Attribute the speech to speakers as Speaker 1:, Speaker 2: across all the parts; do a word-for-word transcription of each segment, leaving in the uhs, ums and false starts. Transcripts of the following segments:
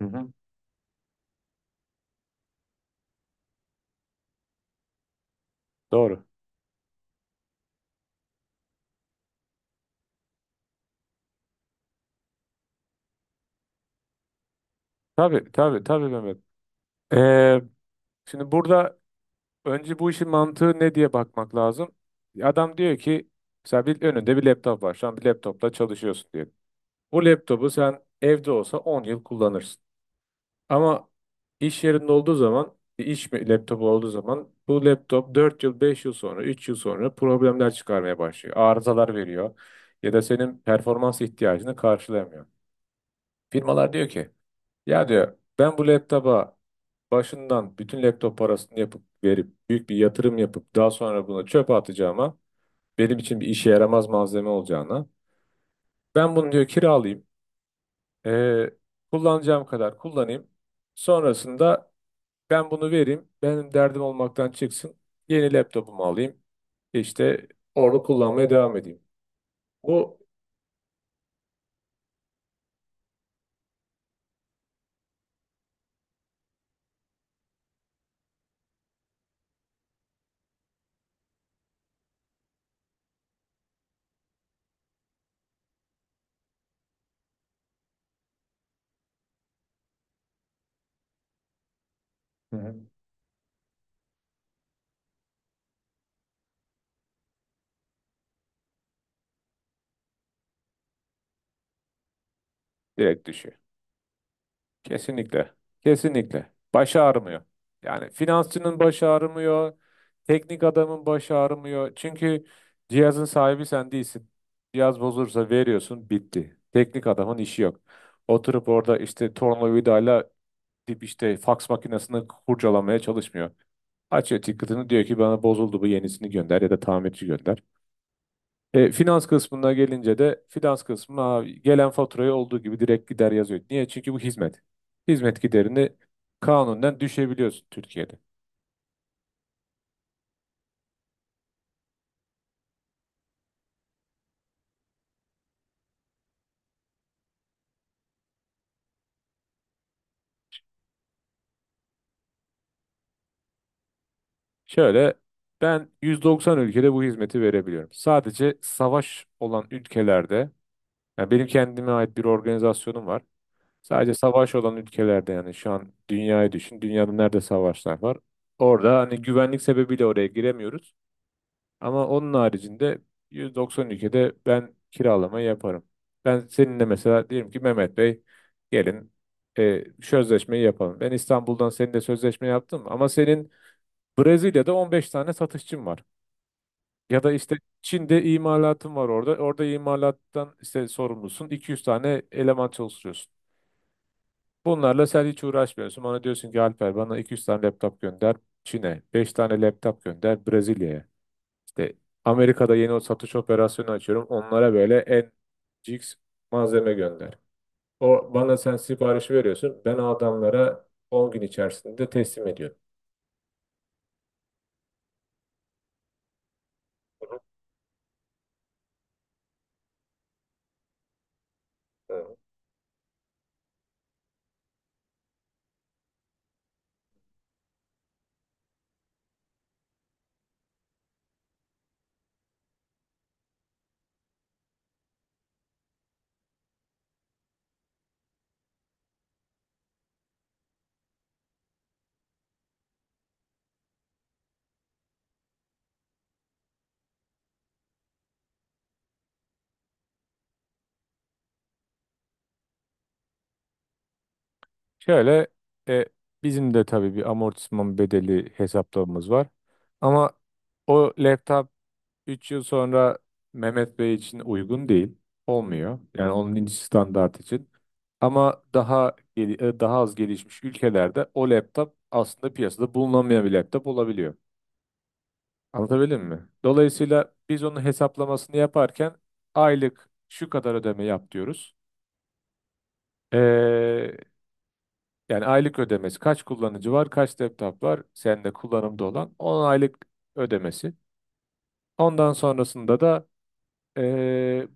Speaker 1: Hı hı. Doğru. Tabii tabii tabii Mehmet. Ee, Şimdi burada önce bu işin mantığı ne diye bakmak lazım. Adam diyor ki mesela bir, önünde bir laptop var. Şu an bir laptopla çalışıyorsun diyor. Bu laptopu sen evde olsa on yıl kullanırsın. Ama iş yerinde olduğu zaman bir iş mi- laptopu olduğu zaman bu laptop dört yıl beş yıl sonra üç yıl sonra problemler çıkarmaya başlıyor. Arızalar veriyor ya da senin performans ihtiyacını karşılayamıyor. Firmalar diyor ki ya diyor ben bu laptopa başından bütün laptop parasını yapıp verip büyük bir yatırım yapıp daha sonra buna çöpe atacağıma, benim için bir işe yaramaz malzeme olacağına, ben bunu diyor kiralayayım, eee, kullanacağım kadar kullanayım, sonrasında ben bunu vereyim benim derdim olmaktan çıksın, yeni laptopumu alayım, işte orada kullanmaya devam edeyim. Bu, hı hı, direkt düşüyor. Kesinlikle. Kesinlikle. Baş ağrımıyor. Yani finansçının başı ağrımıyor. Teknik adamın başı ağrımıyor. Çünkü cihazın sahibi sen değilsin. Cihaz bozulursa veriyorsun bitti. Teknik adamın işi yok. Oturup orada işte tornavidayla dip işte faks makinesini kurcalamaya çalışmıyor. Açıyor ticket'ını diyor ki bana bozuldu bu, yenisini gönder ya da tamirci gönder. E, finans kısmına gelince de finans kısmına abi gelen faturayı olduğu gibi direkt gider yazıyor. Niye? Çünkü bu hizmet. Hizmet giderini kanunen düşebiliyorsun Türkiye'de. Şöyle, ben yüz doksan ülkede bu hizmeti verebiliyorum. Sadece savaş olan ülkelerde, yani benim kendime ait bir organizasyonum var. Sadece savaş olan ülkelerde, yani şu an dünyayı düşün. Dünyada nerede savaşlar var? Orada hani güvenlik sebebiyle oraya giremiyoruz. Ama onun haricinde yüz doksan ülkede ben kiralama yaparım. Ben seninle mesela diyelim ki Mehmet Bey, gelin e, sözleşmeyi yapalım. Ben İstanbul'dan seninle sözleşme yaptım ama senin Brezilya'da on beş tane satışçın var. Ya da işte Çin'de imalatın var orada. Orada imalattan işte sorumlusun. iki yüz tane eleman çalıştırıyorsun. Bunlarla sen hiç uğraşmıyorsun. Bana diyorsun ki Alper, bana iki yüz tane laptop gönder Çin'e. beş tane laptop gönder Brezilya'ya. İşte Amerika'da yeni o satış operasyonu açıyorum. Onlara böyle en cix malzeme gönder. O bana sen siparişi veriyorsun. Ben o adamlara on gün içerisinde teslim ediyorum. Hı. hı. Şöyle, e, bizim de tabii bir amortisman bedeli hesaplamamız var. Ama o laptop üç yıl sonra Mehmet Bey için uygun değil. Olmuyor. Yani onun ince standart için. Ama daha geli- e, daha az gelişmiş ülkelerde o laptop aslında piyasada bulunamayan bir laptop olabiliyor. Anlatabildim mi? Dolayısıyla biz onun hesaplamasını yaparken aylık şu kadar ödeme yap diyoruz. Ee, Yani aylık ödemesi, kaç kullanıcı var, kaç laptop var sende kullanımda olan, on aylık ödemesi. Ondan sonrasında da ee,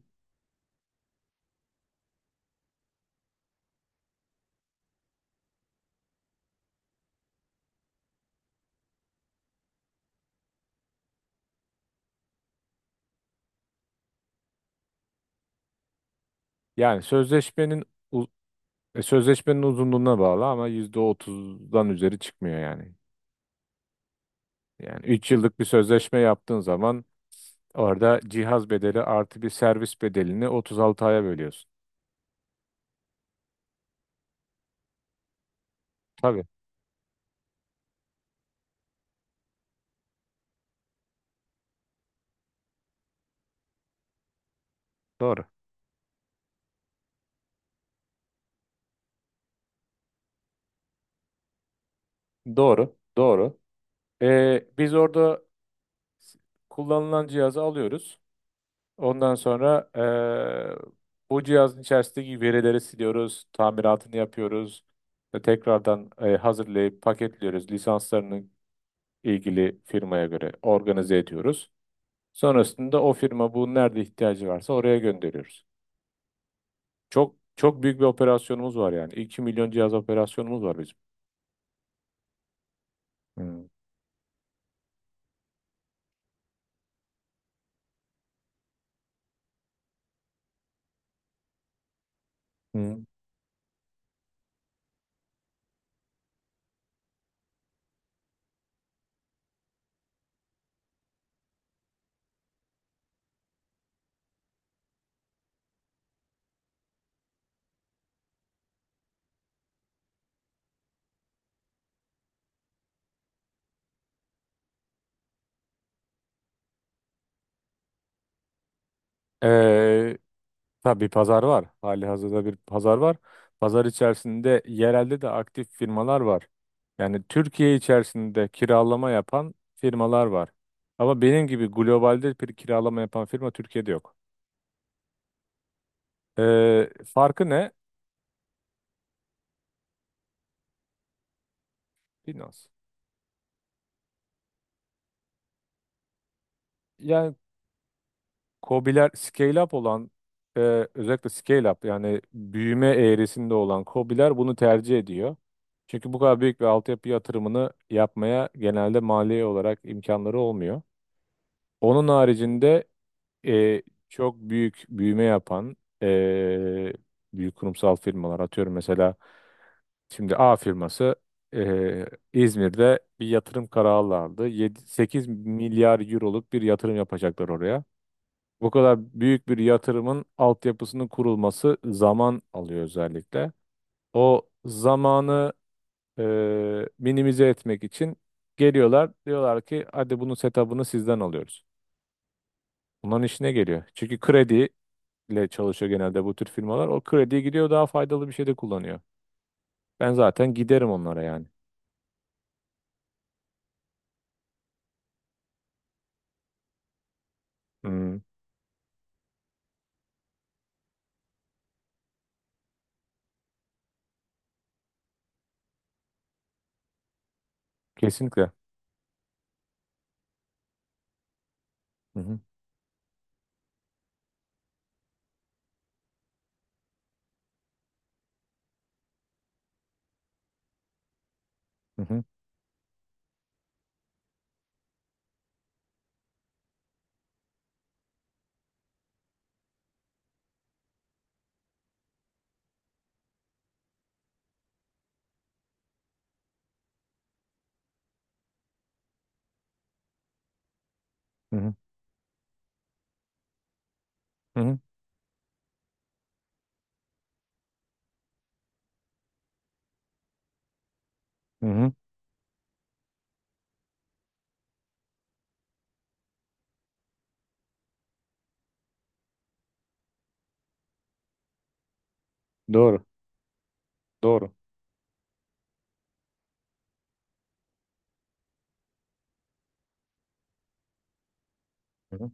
Speaker 1: yani sözleşmenin uz- E, sözleşmenin uzunluğuna bağlı ama yüzde otuzdan üzeri çıkmıyor yani. Yani üç yıllık bir sözleşme yaptığın zaman orada cihaz bedeli artı bir servis bedelini otuz altı aya bölüyorsun. Tabii, doğru. Doğru. Doğru. E, biz orada s- kullanılan cihazı alıyoruz. Ondan sonra e, bu cihazın içerisindeki verileri siliyoruz, tamiratını yapıyoruz ve tekrardan e, hazırlayıp paketliyoruz. Lisanslarını ilgili firmaya göre organize ediyoruz. Sonrasında o firma bu nerede ihtiyacı varsa oraya gönderiyoruz. Çok çok büyük bir operasyonumuz var yani. iki milyon cihaz operasyonumuz var bizim. Hmm. Hmm. Ee, tabii pazar var. Hali hazırda bir pazar var. Pazar içerisinde yerelde de aktif firmalar var. Yani Türkiye içerisinde kiralama yapan firmalar var. Ama benim gibi globalde bir kiralama yapan firma Türkiye'de yok. Ee, farkı ne? Binance. KOBİ'ler scale up olan, e, özellikle scale up yani büyüme eğrisinde olan KOBİ'ler bunu tercih ediyor. Çünkü bu kadar büyük bir altyapı yatırımını yapmaya genelde maliye olarak imkanları olmuyor. Onun haricinde e, çok büyük büyüme yapan e, büyük kurumsal firmalar, atıyorum mesela, şimdi A firması e, İzmir'de bir yatırım kararı aldı. yedi, sekiz milyar euroluk bir yatırım yapacaklar oraya. Bu kadar büyük bir yatırımın altyapısının kurulması zaman alıyor özellikle. O zamanı e, minimize etmek için geliyorlar diyorlar ki hadi bunun setup'ını sizden alıyoruz. Bunların işine geliyor. Çünkü krediyle çalışıyor genelde bu tür firmalar. O krediye gidiyor daha faydalı bir şey de kullanıyor. Ben zaten giderim onlara yani. Hmm, kesinlikle. Hı hı, hı hı, hı hı, hı hı, hı hı. Doğru, doğru. Hı hı.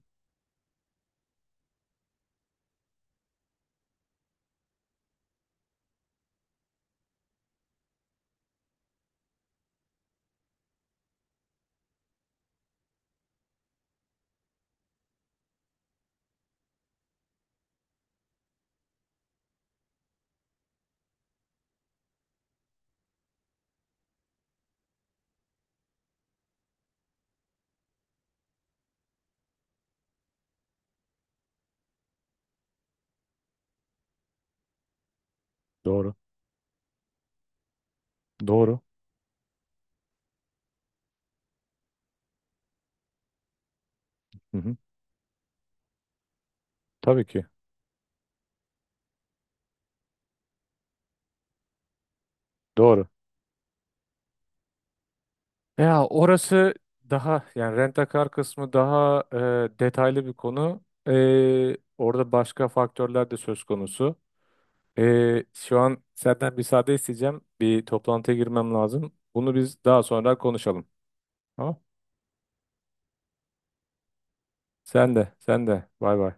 Speaker 1: Doğru, doğru. Hı hı, tabii ki. Doğru. Ya orası daha yani rent-a-car kısmı daha e, detaylı bir konu. E, orada başka faktörler de söz konusu. E, şu an senden müsaade isteyeceğim. Bir toplantıya girmem lazım. Bunu biz daha sonra konuşalım. Tamam? Sen de, sen de. Bay bay.